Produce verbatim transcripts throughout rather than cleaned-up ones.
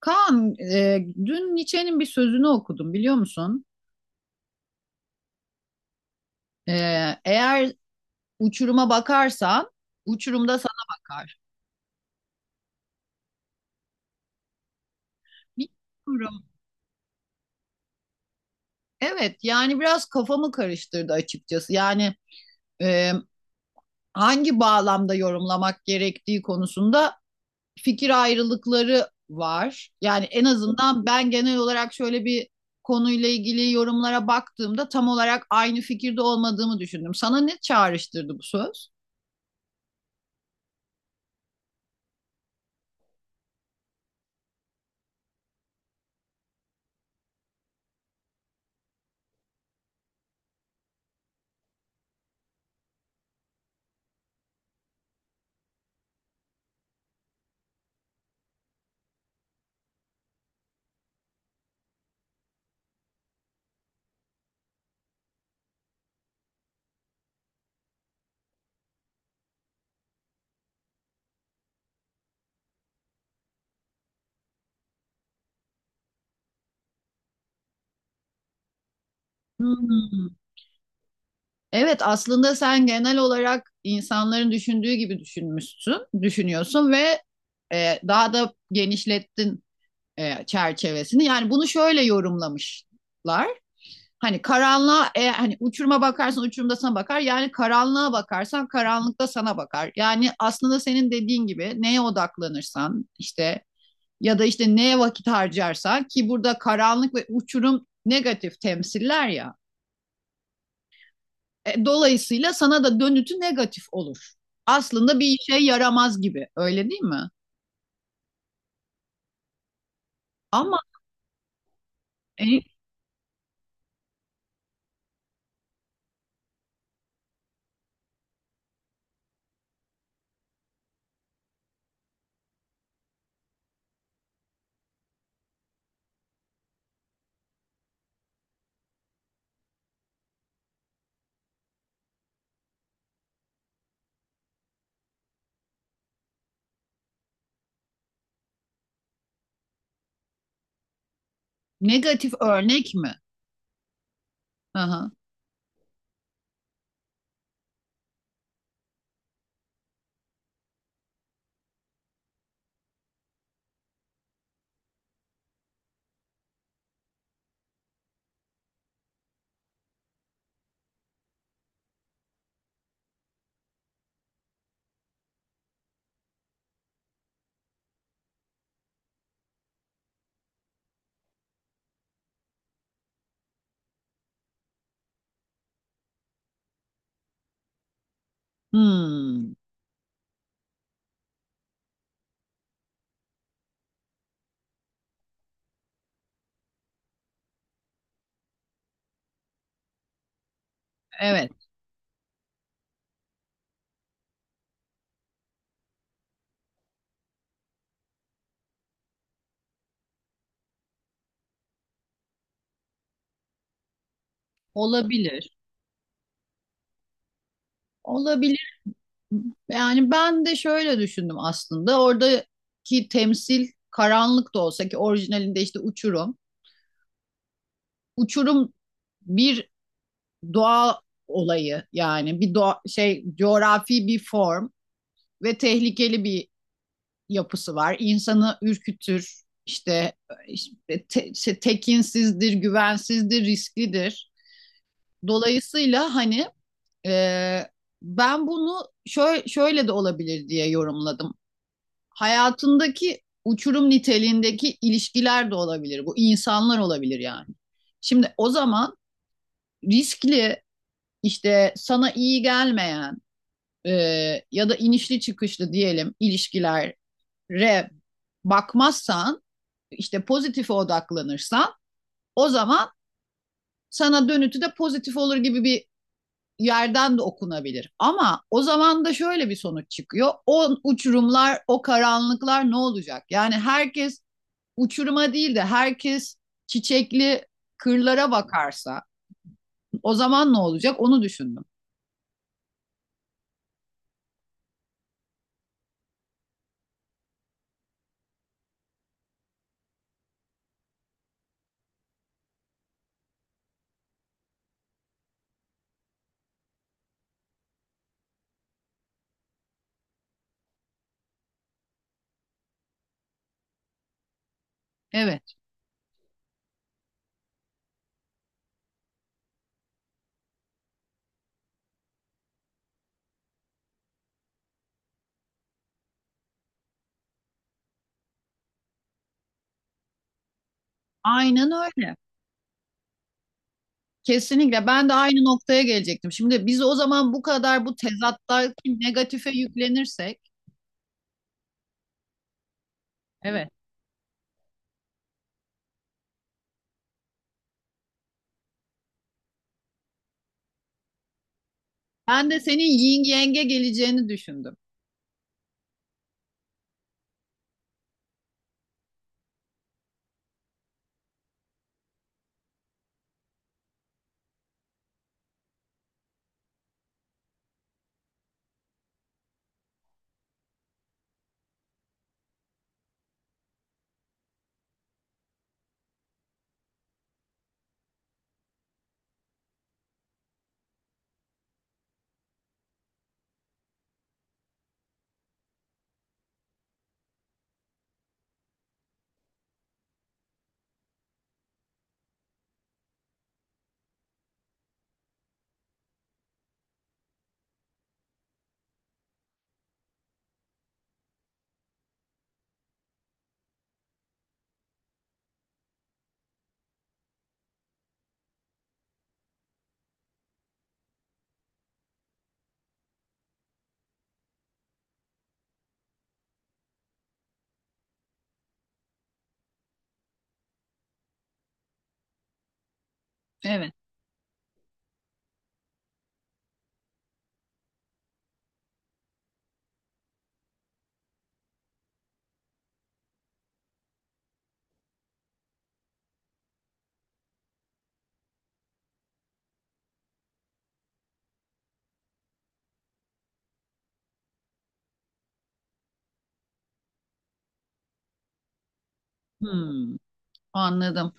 Kaan, e, dün Nietzsche'nin bir sözünü okudum biliyor musun? E, Eğer uçuruma bakarsan, uçurum da sana bakar. Bilmiyorum. Evet, yani biraz kafamı karıştırdı açıkçası. Yani e, hangi bağlamda yorumlamak gerektiği konusunda fikir ayrılıkları var. Yani en azından ben genel olarak şöyle bir konuyla ilgili yorumlara baktığımda tam olarak aynı fikirde olmadığımı düşündüm. Sana ne çağrıştırdı bu söz? Hmm. Evet, aslında sen genel olarak insanların düşündüğü gibi düşünmüşsün, düşünüyorsun ve e, daha da genişlettin e, çerçevesini. Yani bunu şöyle yorumlamışlar. Hani karanlığa, e, hani uçuruma bakarsan uçurumda sana bakar. Yani karanlığa bakarsan karanlıkta sana bakar. Yani aslında senin dediğin gibi neye odaklanırsan işte ya da işte neye vakit harcarsan ki burada karanlık ve uçurum negatif temsiller ya. E, dolayısıyla sana da dönütü negatif olur. Aslında bir işe yaramaz gibi. Öyle değil mi? Ama e, negatif örnek mi? Aha. Hmm, evet. Olabilir. Olabilir. Yani ben de şöyle düşündüm aslında. Oradaki temsil karanlık da olsa ki orijinalinde işte uçurum. Uçurum bir doğa olayı yani bir doğa, şey coğrafi bir form ve tehlikeli bir yapısı var. İnsanı ürkütür, işte, işte te- işte tekinsizdir, güvensizdir, risklidir. Dolayısıyla hani e, ben bunu şöyle, şöyle de olabilir diye yorumladım. Hayatındaki uçurum niteliğindeki ilişkiler de olabilir. Bu insanlar olabilir yani. Şimdi o zaman riskli işte sana iyi gelmeyen e, ya da inişli çıkışlı diyelim ilişkiler re bakmazsan işte pozitife odaklanırsan o zaman sana dönütü de pozitif olur gibi bir yerden de okunabilir. Ama o zaman da şöyle bir sonuç çıkıyor. O uçurumlar, o karanlıklar ne olacak? Yani herkes uçuruma değil de herkes çiçekli kırlara bakarsa o zaman ne olacak? Onu düşündüm. Evet. Aynen öyle. Kesinlikle ben de aynı noktaya gelecektim. Şimdi biz o zaman bu kadar bu tezattaki negatife yüklenirsek. Evet. Ben de senin yin yenge geleceğini düşündüm. Evet. Hmm, anladım.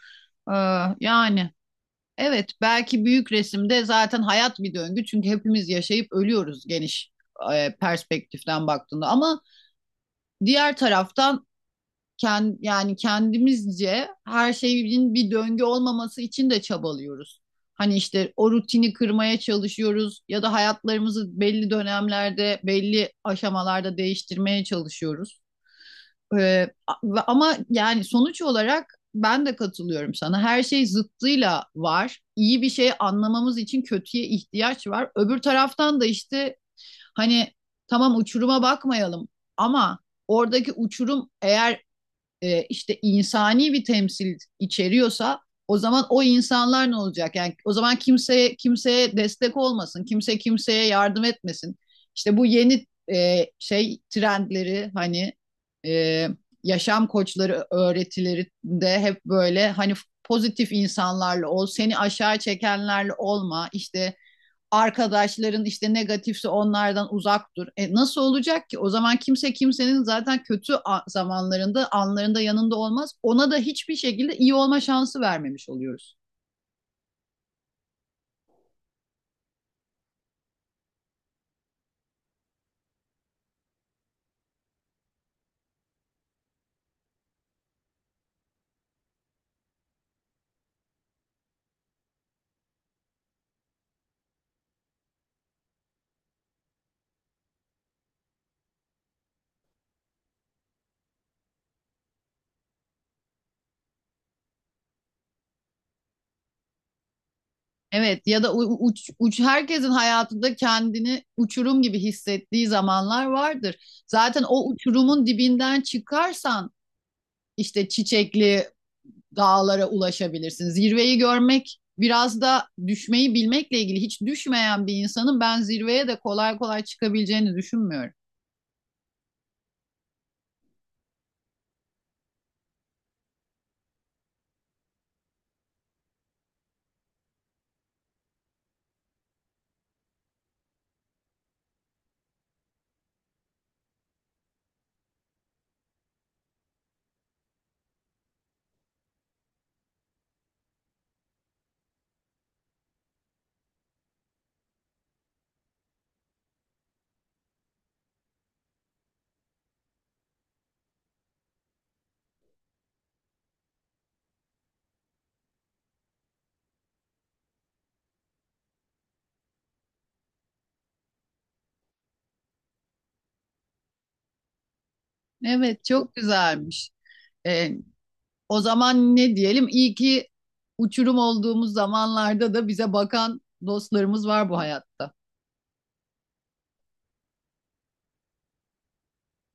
Ee, yani evet belki büyük resimde zaten hayat bir döngü. Çünkü hepimiz yaşayıp ölüyoruz geniş e, perspektiften baktığında. Ama diğer taraftan kend, yani kendimizce her şeyin bir döngü olmaması için de çabalıyoruz. Hani işte o rutini kırmaya çalışıyoruz ya da hayatlarımızı belli dönemlerde, belli aşamalarda değiştirmeye çalışıyoruz. Ee, ama yani sonuç olarak ben de katılıyorum sana. Her şey zıttıyla var. İyi bir şey anlamamız için kötüye ihtiyaç var. Öbür taraftan da işte hani tamam uçuruma bakmayalım ama oradaki uçurum eğer e, işte insani bir temsil içeriyorsa o zaman o insanlar ne olacak? Yani o zaman kimseye kimseye destek olmasın, kimse kimseye yardım etmesin. İşte bu yeni e, şey trendleri hani e, yaşam koçları öğretilerinde hep böyle hani pozitif insanlarla ol, seni aşağı çekenlerle olma, işte arkadaşların işte negatifse onlardan uzak dur. E nasıl olacak ki? O zaman kimse kimsenin zaten kötü zamanlarında, anlarında yanında olmaz. Ona da hiçbir şekilde iyi olma şansı vermemiş oluyoruz. Evet ya da u- uç, uç herkesin hayatında kendini uçurum gibi hissettiği zamanlar vardır. Zaten o uçurumun dibinden çıkarsan işte çiçekli dağlara ulaşabilirsin. Zirveyi görmek biraz da düşmeyi bilmekle ilgili. Hiç düşmeyen bir insanın ben zirveye de kolay kolay çıkabileceğini düşünmüyorum. Evet çok güzelmiş. Ee, o zaman ne diyelim? İyi ki uçurum olduğumuz zamanlarda da bize bakan dostlarımız var bu hayatta.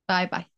Bay bay.